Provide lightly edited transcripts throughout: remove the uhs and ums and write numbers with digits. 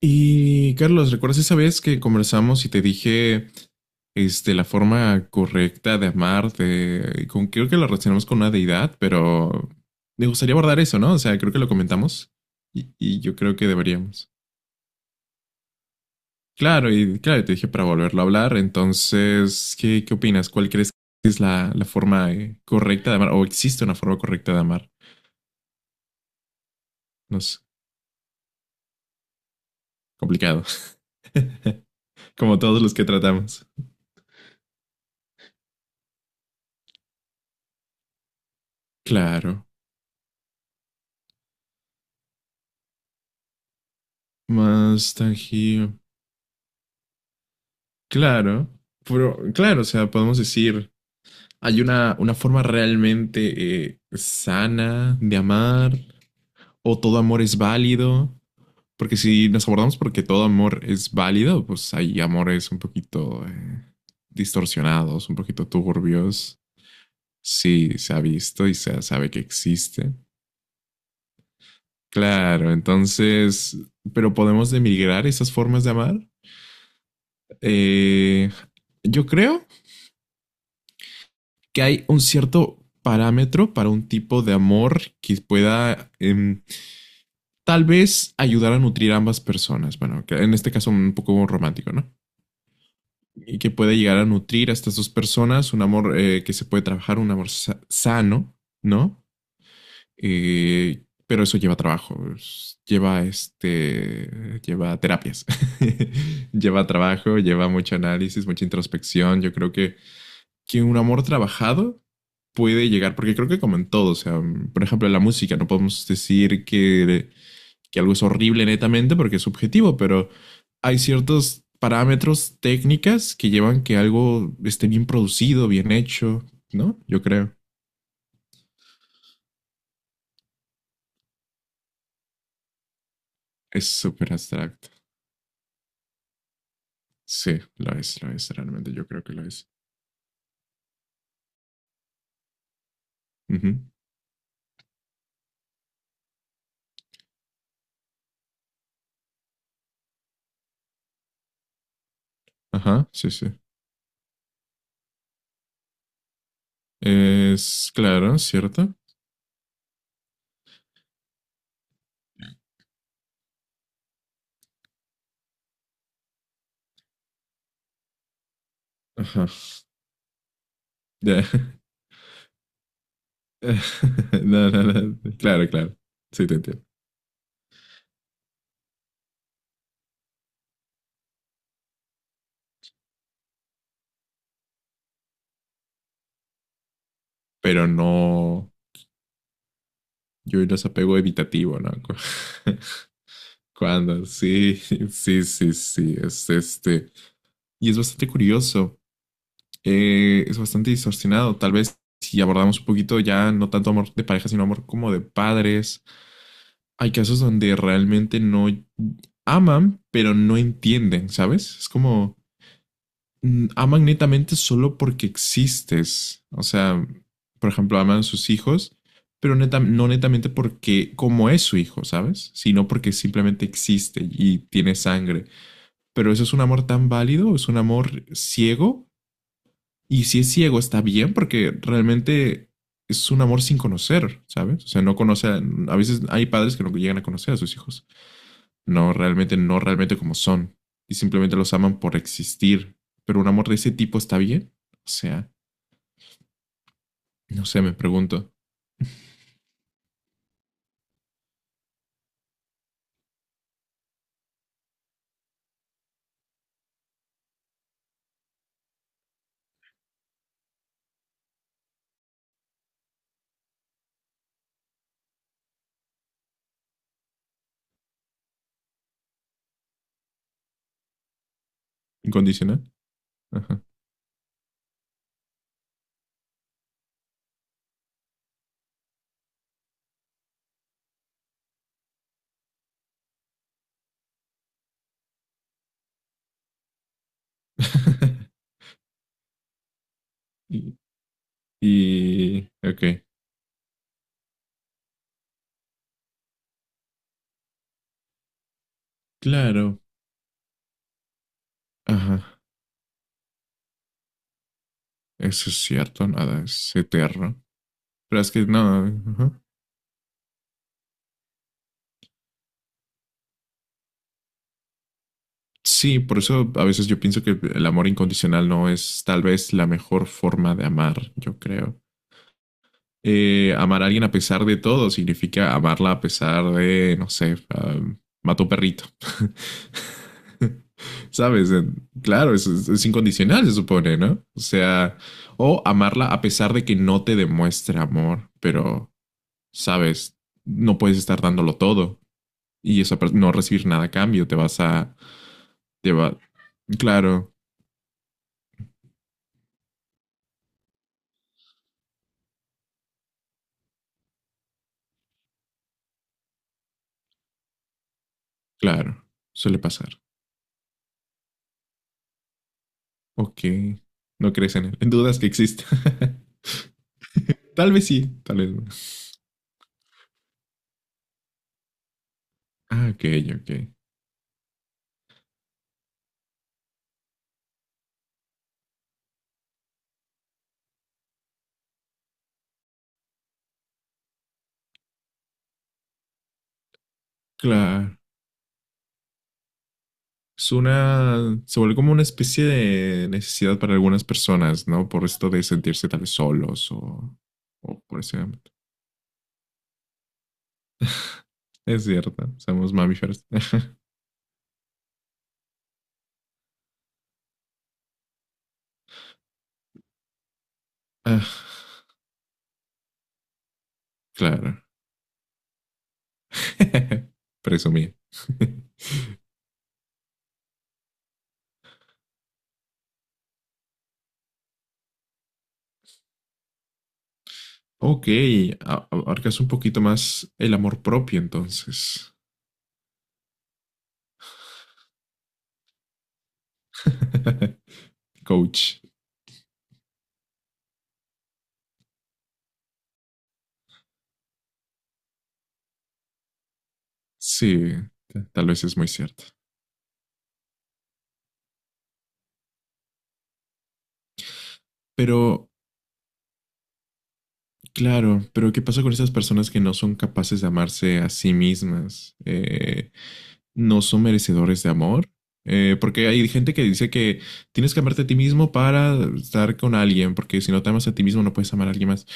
Y Carlos, ¿recuerdas esa vez que conversamos y te dije la forma correcta de amar? Creo que lo relacionamos con una deidad, pero me gustaría abordar eso, ¿no? O sea, creo que lo comentamos y yo creo que deberíamos. Claro, y claro, te dije para volverlo a hablar. Entonces, ¿qué opinas? ¿Cuál crees que es la forma correcta de amar? ¿O existe una forma correcta de amar? No sé, complicado. Como todos los que tratamos. Claro, más tangible. Claro, pero claro, o sea, podemos decir, hay una forma realmente sana de amar, o todo amor es válido, porque si nos abordamos porque todo amor es válido, pues hay amores un poquito distorsionados, un poquito turbios, sí, se ha visto y se sabe que existe. Claro, entonces, pero podemos demigrar esas formas de amar. Eh, yo creo que hay un cierto parámetro para un tipo de amor que pueda tal vez ayudar a nutrir a ambas personas. Bueno, que en este caso un poco romántico, ¿no? Y que pueda llegar a nutrir a estas dos personas, un amor que se puede trabajar, un amor sano, ¿no? Pero eso lleva trabajo, lleva lleva terapias, lleva trabajo, lleva mucho análisis, mucha introspección. Yo creo que un amor trabajado puede llegar, porque creo que como en todo, o sea, por ejemplo, la música, no podemos decir que algo es horrible netamente porque es subjetivo, pero hay ciertos parámetros técnicas que llevan que algo esté bien producido, bien hecho, ¿no? Yo creo. Es súper abstracto. Sí, lo es, realmente yo creo que lo es. Ujú. Ajá, sí, sí. Es claro, ¿cierto? Ajá. Ya. No, no, no. Claro, claro. Sí, te entiendo. Pero no. Yo no es apego evitativo, ¿no? Cuando, sí, sí, sí, sí, es este. Y es bastante curioso, es bastante distorsionado. Tal vez si abordamos un poquito ya no tanto amor de pareja, sino amor como de padres, hay casos donde realmente no aman, pero no entienden, ¿sabes? Es como aman netamente solo porque existes. O sea, por ejemplo, aman a sus hijos, pero no netamente porque como es su hijo, ¿sabes? Sino porque simplemente existe y tiene sangre. Pero eso es un amor tan válido, es un amor ciego. Y si es ciego, está bien porque realmente es un amor sin conocer, ¿sabes? O sea, no conoce, a veces hay padres que no llegan a conocer a sus hijos. No realmente, no realmente como son. Y simplemente los aman por existir. Pero un amor de ese tipo está bien. O sea, no sé, me pregunto. ¿Incondicional? Ajá. y, Ok. Claro. Ajá. Eso es cierto, nada, es eterno. Pero es que no. Ajá. Sí, por eso a veces yo pienso que el amor incondicional no es tal vez la mejor forma de amar, yo creo. Amar a alguien a pesar de todo significa amarla a pesar de, no sé, mató perrito, ¿sabes? Claro, es incondicional, se supone, ¿no? O sea, o amarla a pesar de que no te demuestre amor, pero, ¿sabes? No puedes estar dándolo todo y esa no recibir nada a cambio, te vas a, te va- claro, claro, suele pasar. Ok, no crees en él, en dudas que exista. Tal vez sí, tal vez no. Ah, ok, ok. Claro, se vuelve como una especie de necesidad para algunas personas, ¿no? Por esto de sentirse tal vez solos o por ese ámbito. Es cierto, somos mamíferos. Ah, claro, presumí. Ok, abarcas un poquito más el amor propio entonces, coach. Sí, tal vez es muy cierto. Pero claro, pero ¿qué pasa con esas personas que no son capaces de amarse a sí mismas? ¿No son merecedores de amor? Porque hay gente que dice que tienes que amarte a ti mismo para estar con alguien, porque si no te amas a ti mismo no puedes amar a alguien más.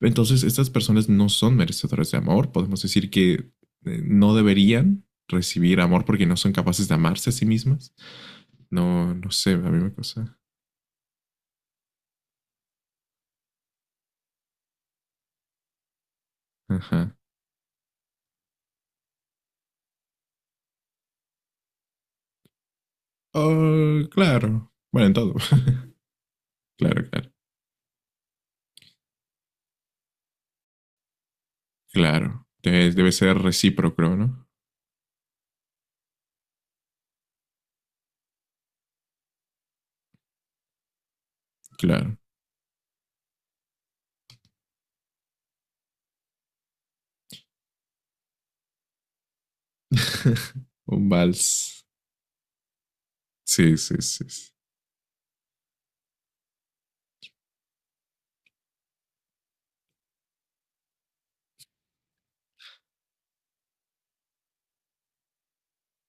Entonces, estas personas no son merecedoras de amor. Podemos decir que no deberían recibir amor porque no son capaces de amarse a sí mismas. No, no sé, a mí me cosa. Ajá. Oh, claro. Bueno, en todo. Claro, claro. Claro, debe ser recíproco, ¿no? Claro, un vals. Sí, sí, sí. Sí.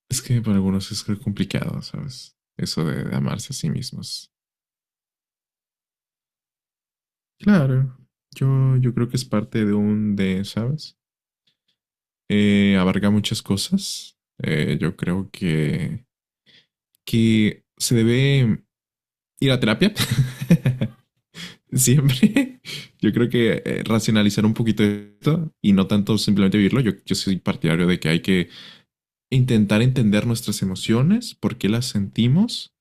Es que para algunos es creo, complicado, ¿sabes? Eso de amarse a sí mismos. Claro, yo creo que es parte de un ¿sabes? Abarca muchas cosas. Yo creo que se debe ir a terapia. Siempre. Yo creo que racionalizar un poquito esto y no tanto simplemente vivirlo. Yo soy partidario de que hay que intentar entender nuestras emociones, por qué las sentimos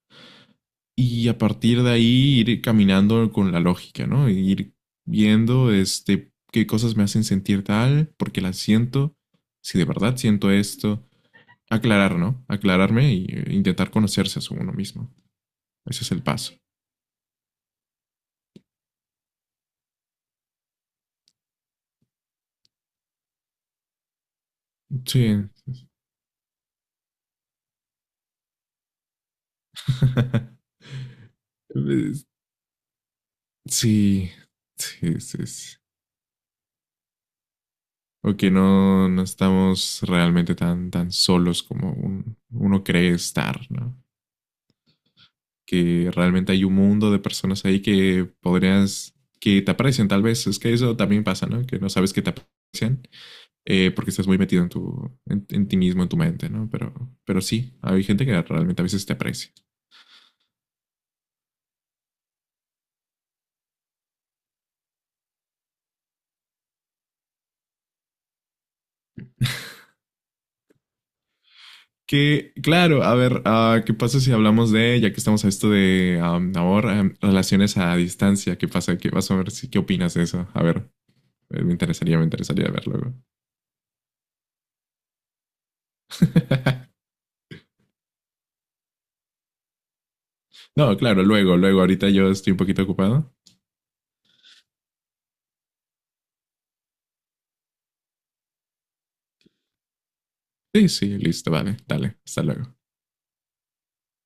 y a partir de ahí ir caminando con la lógica, ¿no? Ir viendo qué cosas me hacen sentir tal, por qué las siento, si de verdad siento esto, aclarar, ¿no? Aclararme e intentar conocerse a uno mismo. Ese es el paso. Sí. Sí. Sí, sí, sí. Ok, no estamos realmente tan, tan solos como uno cree estar, ¿no? Que realmente hay un mundo de personas ahí que podrías, que te aprecian tal vez. Es que eso también pasa, ¿no? Que no sabes que te aprecian porque estás muy metido en ti mismo, en tu mente, ¿no? Pero sí, hay gente que realmente a veces te aprecia. Que, claro, a ver, ¿qué pasa si hablamos de, ya que estamos a esto de amor, relaciones a distancia? ¿Qué pasa? ¿Qué vas a ver? Si, ¿qué opinas de eso? A ver, me interesaría ver luego. No, claro, luego, luego, ahorita yo estoy un poquito ocupado. Sí, sí, listo, vale, dale, hasta luego.